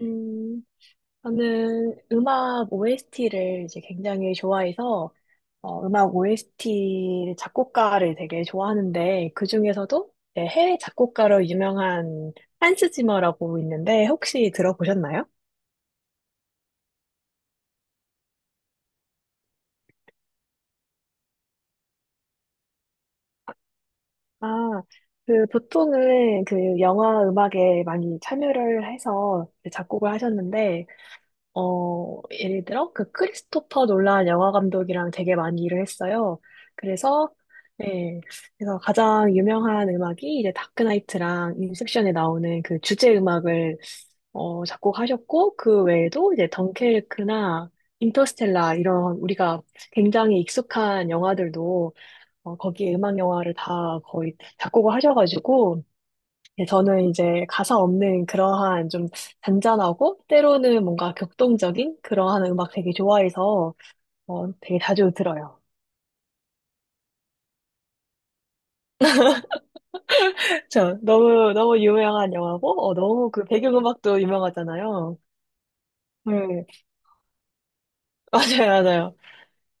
음, 저는 음악 OST를 이제 굉장히 좋아해서 음악 OST 작곡가를 되게 좋아하는데 그 중에서도 이제 해외 작곡가로 유명한 한스 지머라고 있는데 혹시 들어보셨나요? 아, 그 보통은 그 영화 음악에 많이 참여를 해서 작곡을 하셨는데 예를 들어, 그 크리스토퍼 놀란 영화 감독이랑 되게 많이 일을 했어요. 그래서, 네, 그래서 가장 유명한 음악이 이제 다크나이트랑 인셉션에 나오는 그 주제 음악을 작곡하셨고, 그 외에도 이제 덩케르크나 인터스텔라 이런 우리가 굉장히 익숙한 영화들도 거기에 음악 영화를 다 거의 작곡을 하셔가지고, 예, 저는 이제 가사 없는 그러한 좀 잔잔하고 때로는 뭔가 격동적인 그러한 음악 되게 좋아해서 되게 자주 들어요. 저 너무 너무 유명한 영화고 너무 그 배경음악도 유명하잖아요. 네, 맞아요, 맞아요,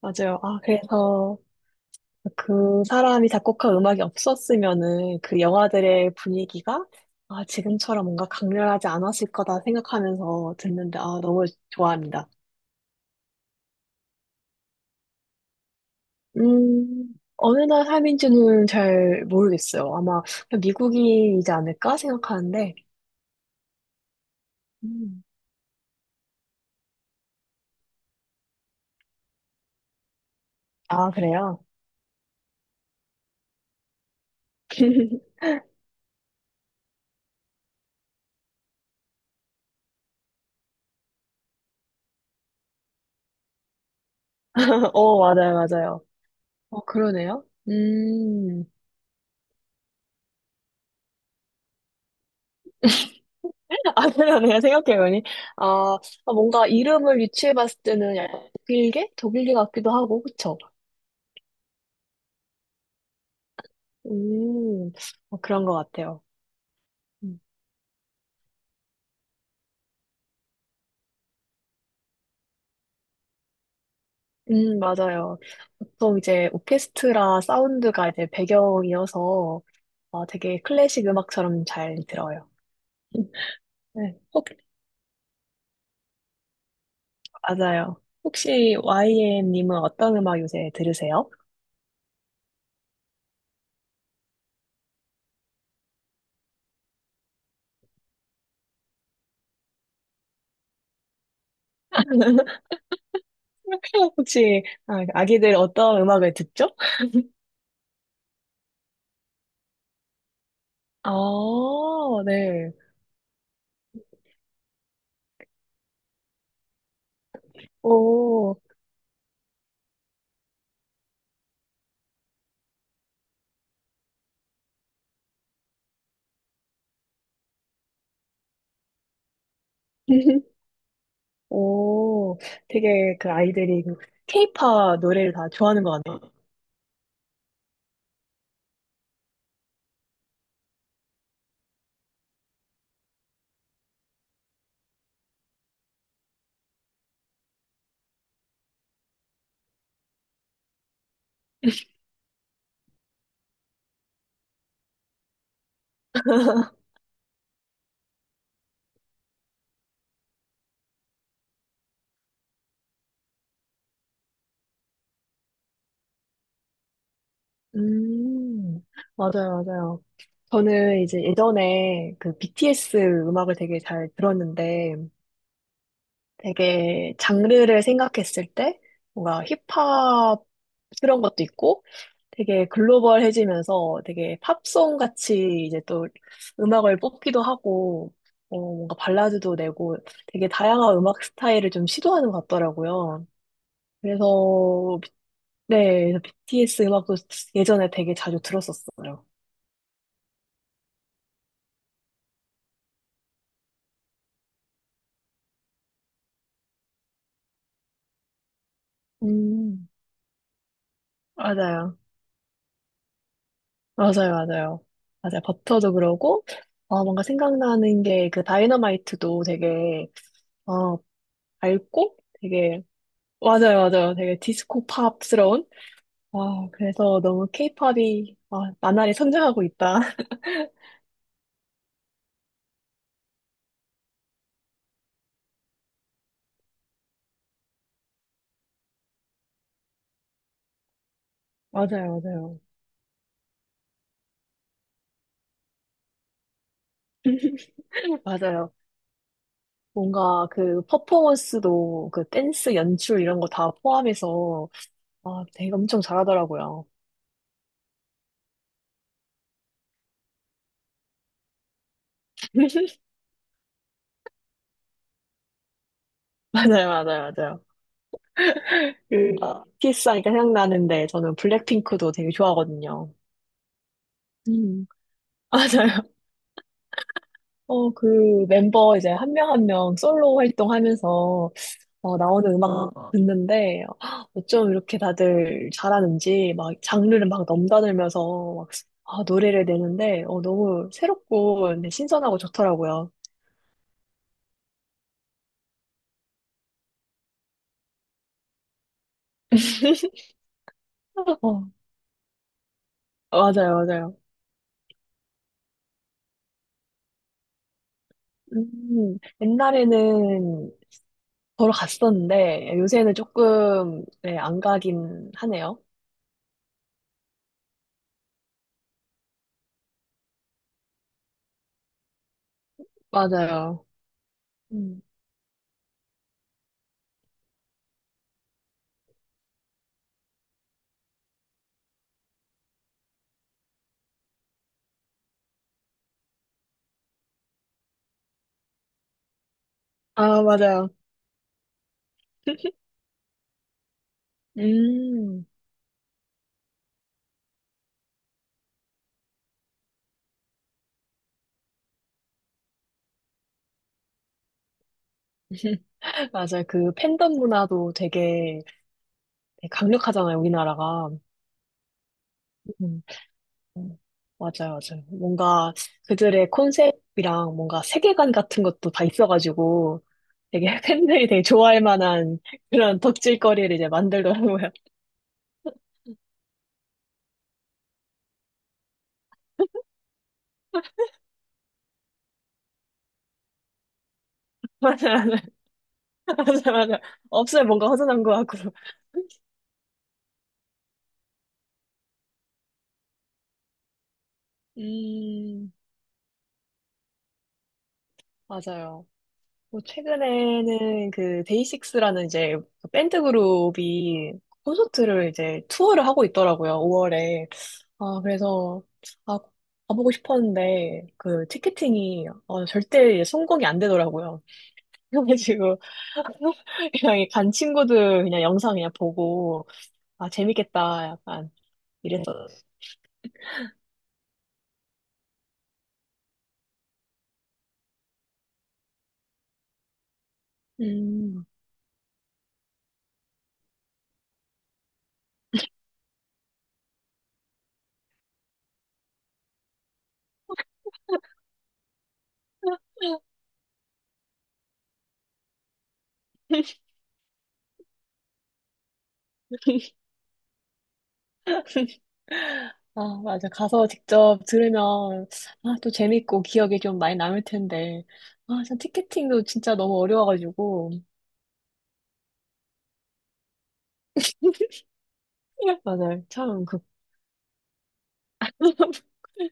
맞아요. 아 그래서 그 사람이 작곡한 음악이 없었으면은 그 영화들의 분위기가 아 지금처럼 뭔가 강렬하지 않았을 거다 생각하면서 듣는데 아 너무 좋아합니다. 어느 나라 삶인지는 잘 모르겠어요. 아마 그냥 미국인이지 않을까 생각하는데. 음. 아, 그래요? 맞아요, 맞아요. 그러네요. 아, 그러네요. 생각해보니. 아, 아, 뭔가 이름을 유추해봤을 때는 약간 독일계? 독일계 같기도 하고, 그쵸? 음, 그런 것 같아요. 음, 맞아요. 보통 이제 오케스트라 사운드가 이제 배경이어서 되게 클래식 음악처럼 잘 들어요. 네, 맞아요. 혹시 YM님은 어떤 음악 요새 들으세요? 혹시 아기들 어떤 음악을 듣죠? 아, 네. 오, 오, 되게 그 아이들이 그 케이팝 노래를 다 좋아하는 것 같아요. 음, 맞아요, 맞아요. 저는 이제 예전에 그 BTS 음악을 되게 잘 들었는데, 되게 장르를 생각했을 때 뭔가 힙합스러운 것도 있고 되게 글로벌해지면서 되게 팝송 같이 이제 또 음악을 뽑기도 하고 뭔가 발라드도 내고 되게 다양한 음악 스타일을 좀 시도하는 것 같더라고요. 그래서 비- 네, 그래서 BTS 음악도 예전에 되게 자주 들었었어요. 음, 맞아요. 맞아요, 맞아요. 맞아요. 버터도 그러고, 뭔가 생각나는 게 그 다이너마이트도 되게, 어, 밝고, 되게, 맞아요, 맞아요. 되게 디스코 팝스러운? 아, 그래서 너무 케이팝이, 아, 나날이 성장하고 있다. 맞아요, 맞아요. 맞아요. 뭔가 그 퍼포먼스도 그 댄스 연출 이런 거 다 포함해서, 아, 되게 엄청 잘하더라고요. 맞아요, 맞아요, 맞아요. 그, 키스하니까 생각나는데, 저는 블랙핑크도 되게 좋아하거든요. 음, 맞아요. 그 멤버 이제 한 명 한 명 솔로 활동하면서 나오는 음악 듣는데 어쩜 이렇게 다들 잘하는지 막 장르를 막 넘나들면서 막 아, 노래를 내는데 너무 새롭고 근데 신선하고 좋더라고요. 어, 맞아요, 맞아요. 옛날에는 보러 갔었는데 요새는 조금 네, 안 가긴 하네요. 맞아요. 음. 아, 맞아요. 음. 맞아요. 그 팬덤 문화도 되게 강력하잖아요, 우리나라가. 음. 음, 맞아요, 맞아요. 뭔가 그들의 컨셉이랑 뭔가 세계관 같은 것도 다 있어가지고 되게 팬들이 되게 좋아할 만한 그런 덕질거리를 이제 만들더라고요. 맞아, 맞아, 맞아, 맞아. 없으면 뭔가 허전한 것 같고. 음, 맞아요. 뭐 최근에는 그 데이식스라는 이제 그 밴드 그룹이 콘서트를 이제 투어를 하고 있더라고요, 5월에. 아, 그래서, 아, 가보고 싶었는데, 그, 티켓팅이, 절대 성공이 안 되더라고요. 그래가지고, 그냥 간 친구들 그냥 영상 그냥 보고, 아, 재밌겠다, 약간, 이랬어. 음. 아, 맞아. 가서 직접 들으면, 아, 또 재밌고 기억에 좀 많이 남을 텐데. 아, 참, 티켓팅도 진짜 너무 어려워가지고. 맞아요. 참, 그,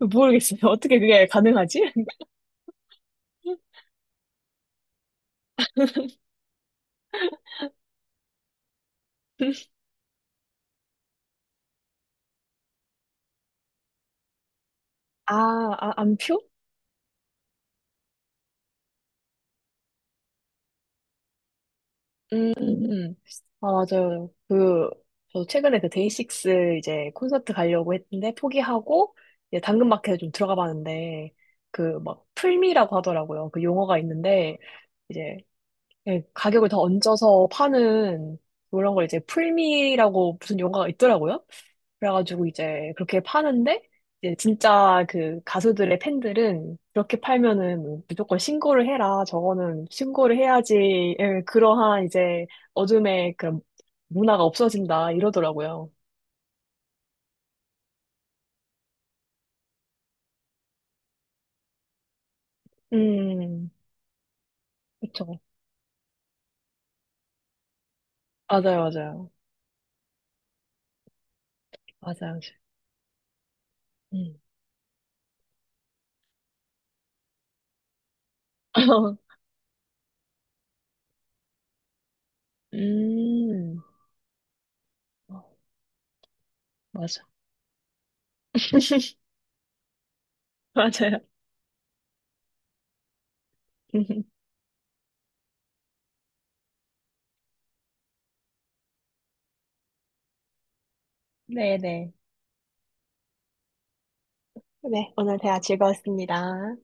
모르겠어요. 어떻게 그게 가능하지? 아, 아, 안표? 음, 음, 음. 아, 맞아요. 그, 저 최근에 그 데이식스 이제 콘서트 가려고 했는데 포기하고, 이제 당근마켓에 좀 들어가 봤는데, 그 막 풀미라고 하더라고요. 그 용어가 있는데, 이제 예, 가격을 더 얹어서 파는 그런 걸 이제 풀미라고 무슨 용어가 있더라고요. 그래가지고 이제 그렇게 파는데 이제 진짜 그 가수들의 팬들은 그렇게 팔면은 뭐 무조건 신고를 해라. 저거는 신고를 해야지. 예, 그러한 이제 어둠의 그런 문화가 없어진다 이러더라고요. 음, 그쵸. 맞아요, 맞아요. 맞아요. 음. 음, 어, 맞아. 맞아요. 네네. 네, 오늘 대화 즐거웠습니다.